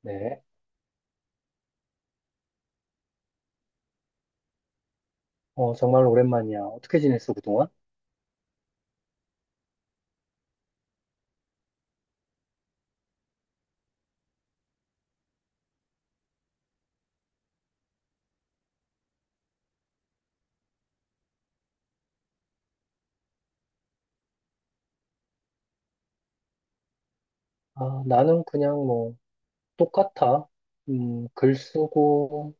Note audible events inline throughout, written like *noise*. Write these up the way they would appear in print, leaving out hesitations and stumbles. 네. 정말 오랜만이야. 어떻게 지냈어, 그동안? 아, 나는 그냥 뭐, 똑같아. 글 쓰고,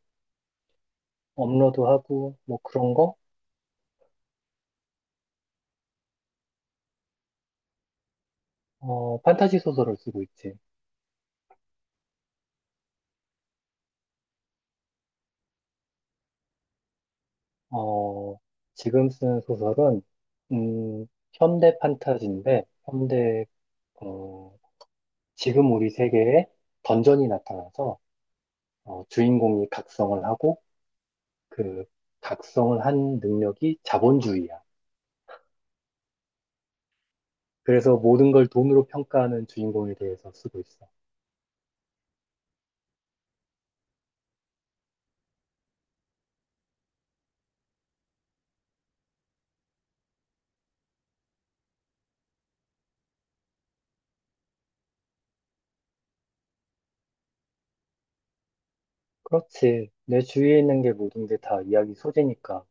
업로드하고, 뭐 그런 거? 판타지 소설을 쓰고 있지. 어, 지금 쓰는 소설은, 음, 현대 판타지인데, 현대, 어, 지금 우리 세계에 던전이 나타나서, 어, 주인공이 각성을 하고, 그, 각성을 한 능력이 자본주의야. 그래서 모든 걸 돈으로 평가하는 주인공에 대해서 쓰고 있어. 그렇지. 내 주위에 있는 게 모든 게 다 이야기 소재니까.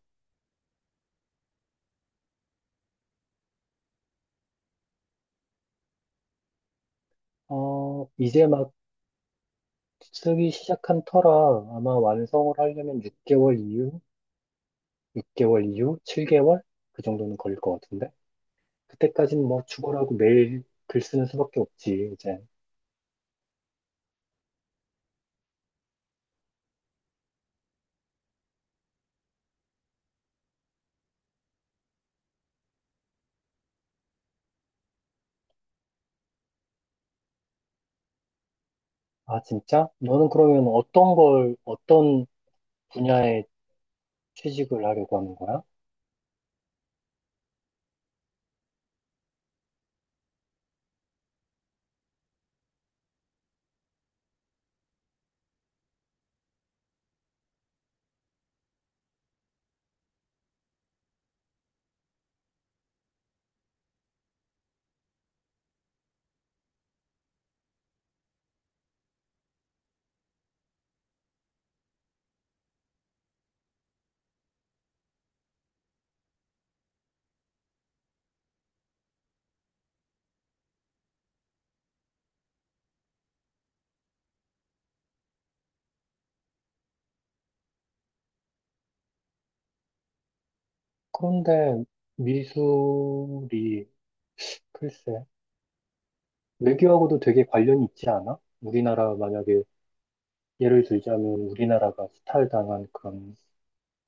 이제 막 쓰기 시작한 터라 아마 완성을 하려면 6개월 이후, 6개월 이후, 7개월? 그 정도는 걸릴 것 같은데? 그때까지는 뭐 죽어라고 매일 글 쓰는 수밖에 없지, 이제. 아, 진짜? 너는 그러면 어떤 걸, 어떤 분야에 취직을 하려고 하는 거야? 그런데 미술이, 글쎄. 외교하고도 되게 관련이 있지 않아? 우리나라 만약에 예를 들자면 우리나라가 수탈당한 그런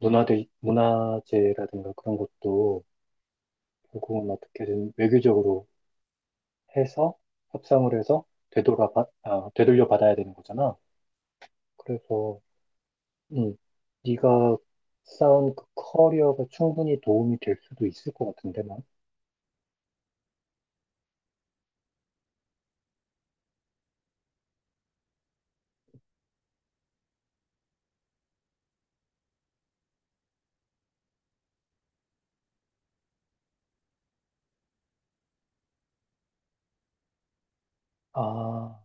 문화재라든가 그런 것도 결국은 어떻게든 외교적으로 해서 협상을 해서 아, 되돌려 받아야 되는 거잖아. 그래서 음, 네가 쌓은 그 커리어가 충분히 도움이 될 수도 있을 것 같은데 난. 아,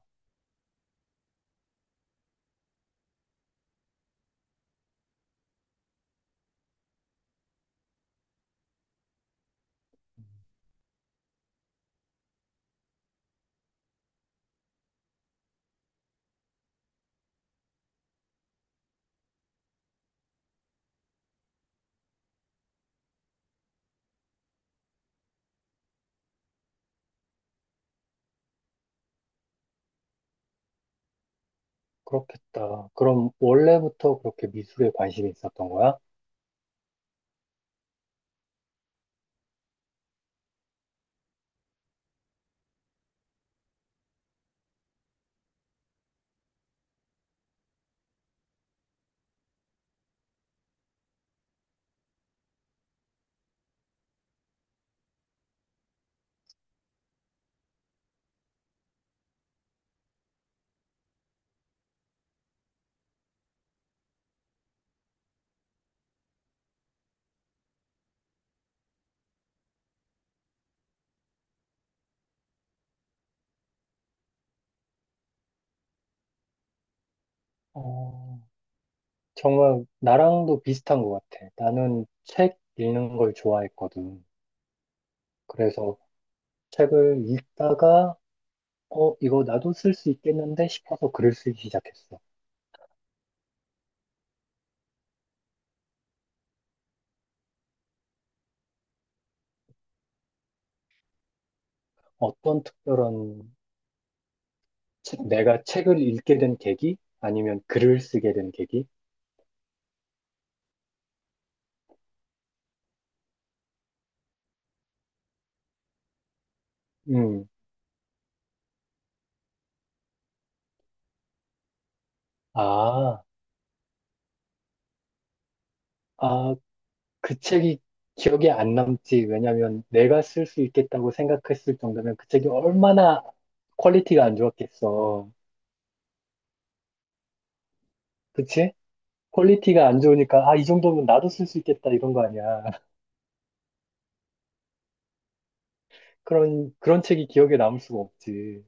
그렇겠다. 그럼 원래부터 그렇게 미술에 관심이 있었던 거야? 어, 정말 나랑도 비슷한 것 같아. 나는 책 읽는 걸 좋아했거든. 그래서 책을 읽다가, 어, 이거 나도 쓸 수 있겠는데 싶어서 글을 쓰기 시작했어. 어떤 특별한, 내가 책을 읽게 된 계기? 아니면 글을 쓰게 된 계기? 음, 아, 아, 그 책이 기억에 안 남지. 왜냐면 내가 쓸 수 있겠다고 생각했을 정도면 그 책이 얼마나 퀄리티가 안 좋았겠어. 그치? 퀄리티가 안 좋으니까, 아, 이 정도면 나도 쓸 수 있겠다, 이런 거 아니야. *laughs* 그런 책이 기억에 남을 수가 없지.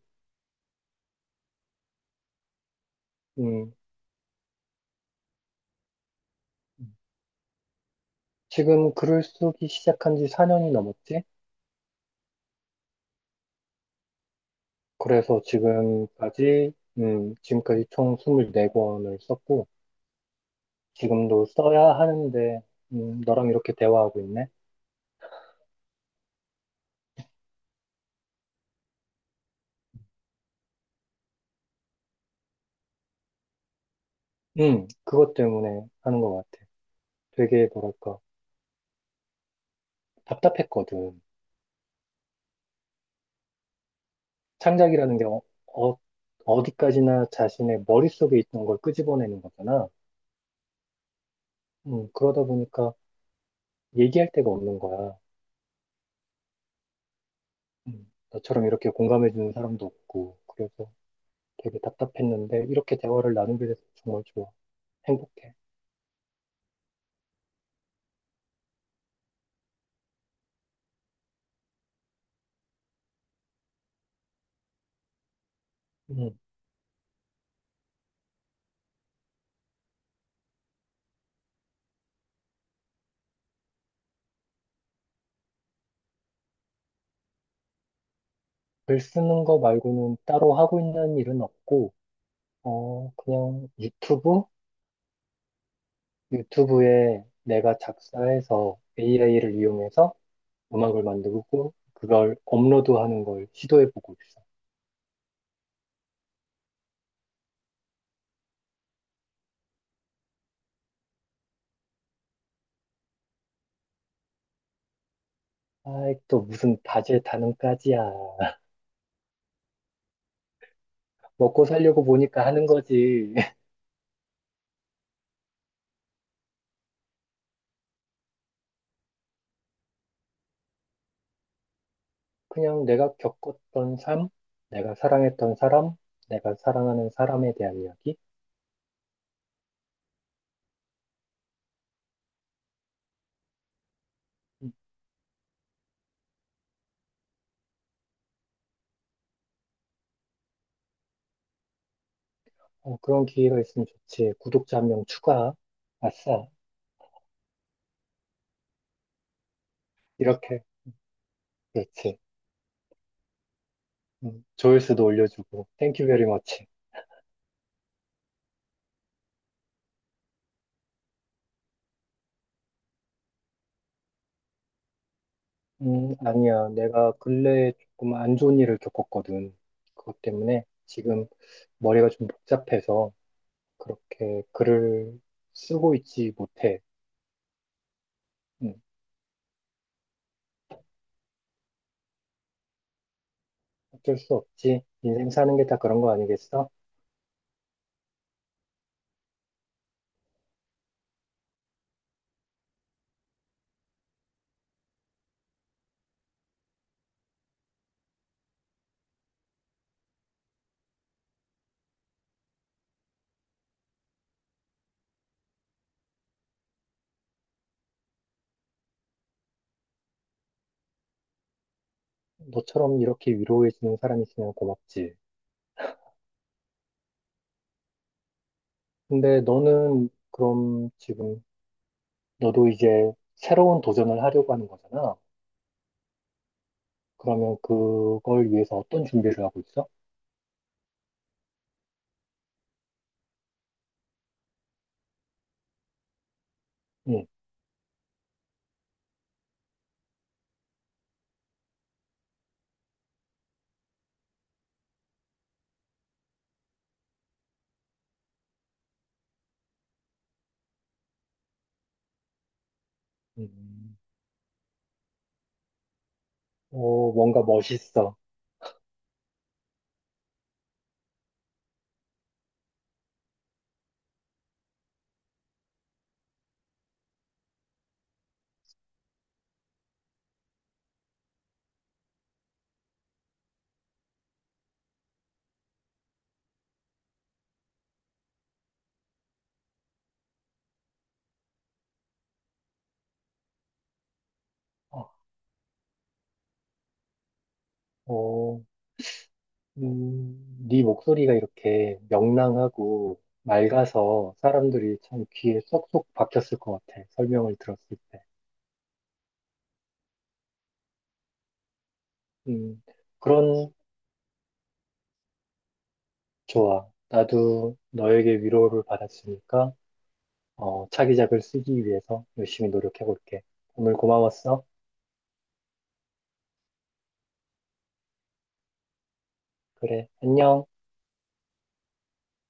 음. 지금 글을 쓰기 시작한 지 4년이 넘었지? 그래서 지금까지, 지금까지 총 24권을 썼고, 지금도 써야 하는데, 너랑 이렇게 대화하고 있네? 그것 때문에 하는 것 같아. 되게, 뭐랄까, 답답했거든. 창작이라는 게 어, 어디까지나 자신의 머릿속에 있던 걸 끄집어내는 거잖아. 그러다 보니까 얘기할 데가 없는 거야. 나처럼 이렇게 공감해주는 사람도 없고, 그래서 되게 답답했는데, 이렇게 대화를 나누게 돼서 정말 좋아. 행복해. 음, 글 쓰는 거 말고는 따로 하고 있는 일은 없고, 어, 그냥 유튜브? 유튜브에 내가 작사해서 AI를 이용해서 음악을 만들고, 그걸 업로드하는 걸 시도해보고 있어. 아이, 또 무슨 다재다능까지야. *laughs* 먹고 살려고 보니까 하는 거지. 그냥 내가 겪었던 삶, 내가 사랑했던 사람, 내가 사랑하는 사람에 대한 이야기. 음, 어, 그런 기회가 있으면 좋지. 구독자 한 명 추가. 아싸. 이렇게. 그렇지. 조회수도 올려주고. 땡큐 베리 머치. 아니야. 내가 근래에 조금 안 좋은 일을 겪었거든. 그것 때문에 지금 머리가 좀 복잡해서 그렇게 글을 쓰고 있지 못해. 음, 어쩔 수 없지. 인생 사는 게 다 그런 거 아니겠어? 너처럼 이렇게 위로해주는 사람이 있으면 고맙지. 근데 너는 그럼 지금 너도 이제 새로운 도전을 하려고 하는 거잖아. 그러면 그걸 위해서 어떤 준비를 하고 있어? 응. 음, 어, 뭔가 멋있어. 어, 네 목소리가 이렇게 명랑하고 맑아서 사람들이 참 귀에 쏙쏙 박혔을 것 같아. 설명을 들었을 때. 음, 그런, 좋아. 나도 너에게 위로를 받았으니까 어, 차기작을 쓰기 위해서 열심히 노력해볼게. 오늘 고마웠어. 그래, 안녕.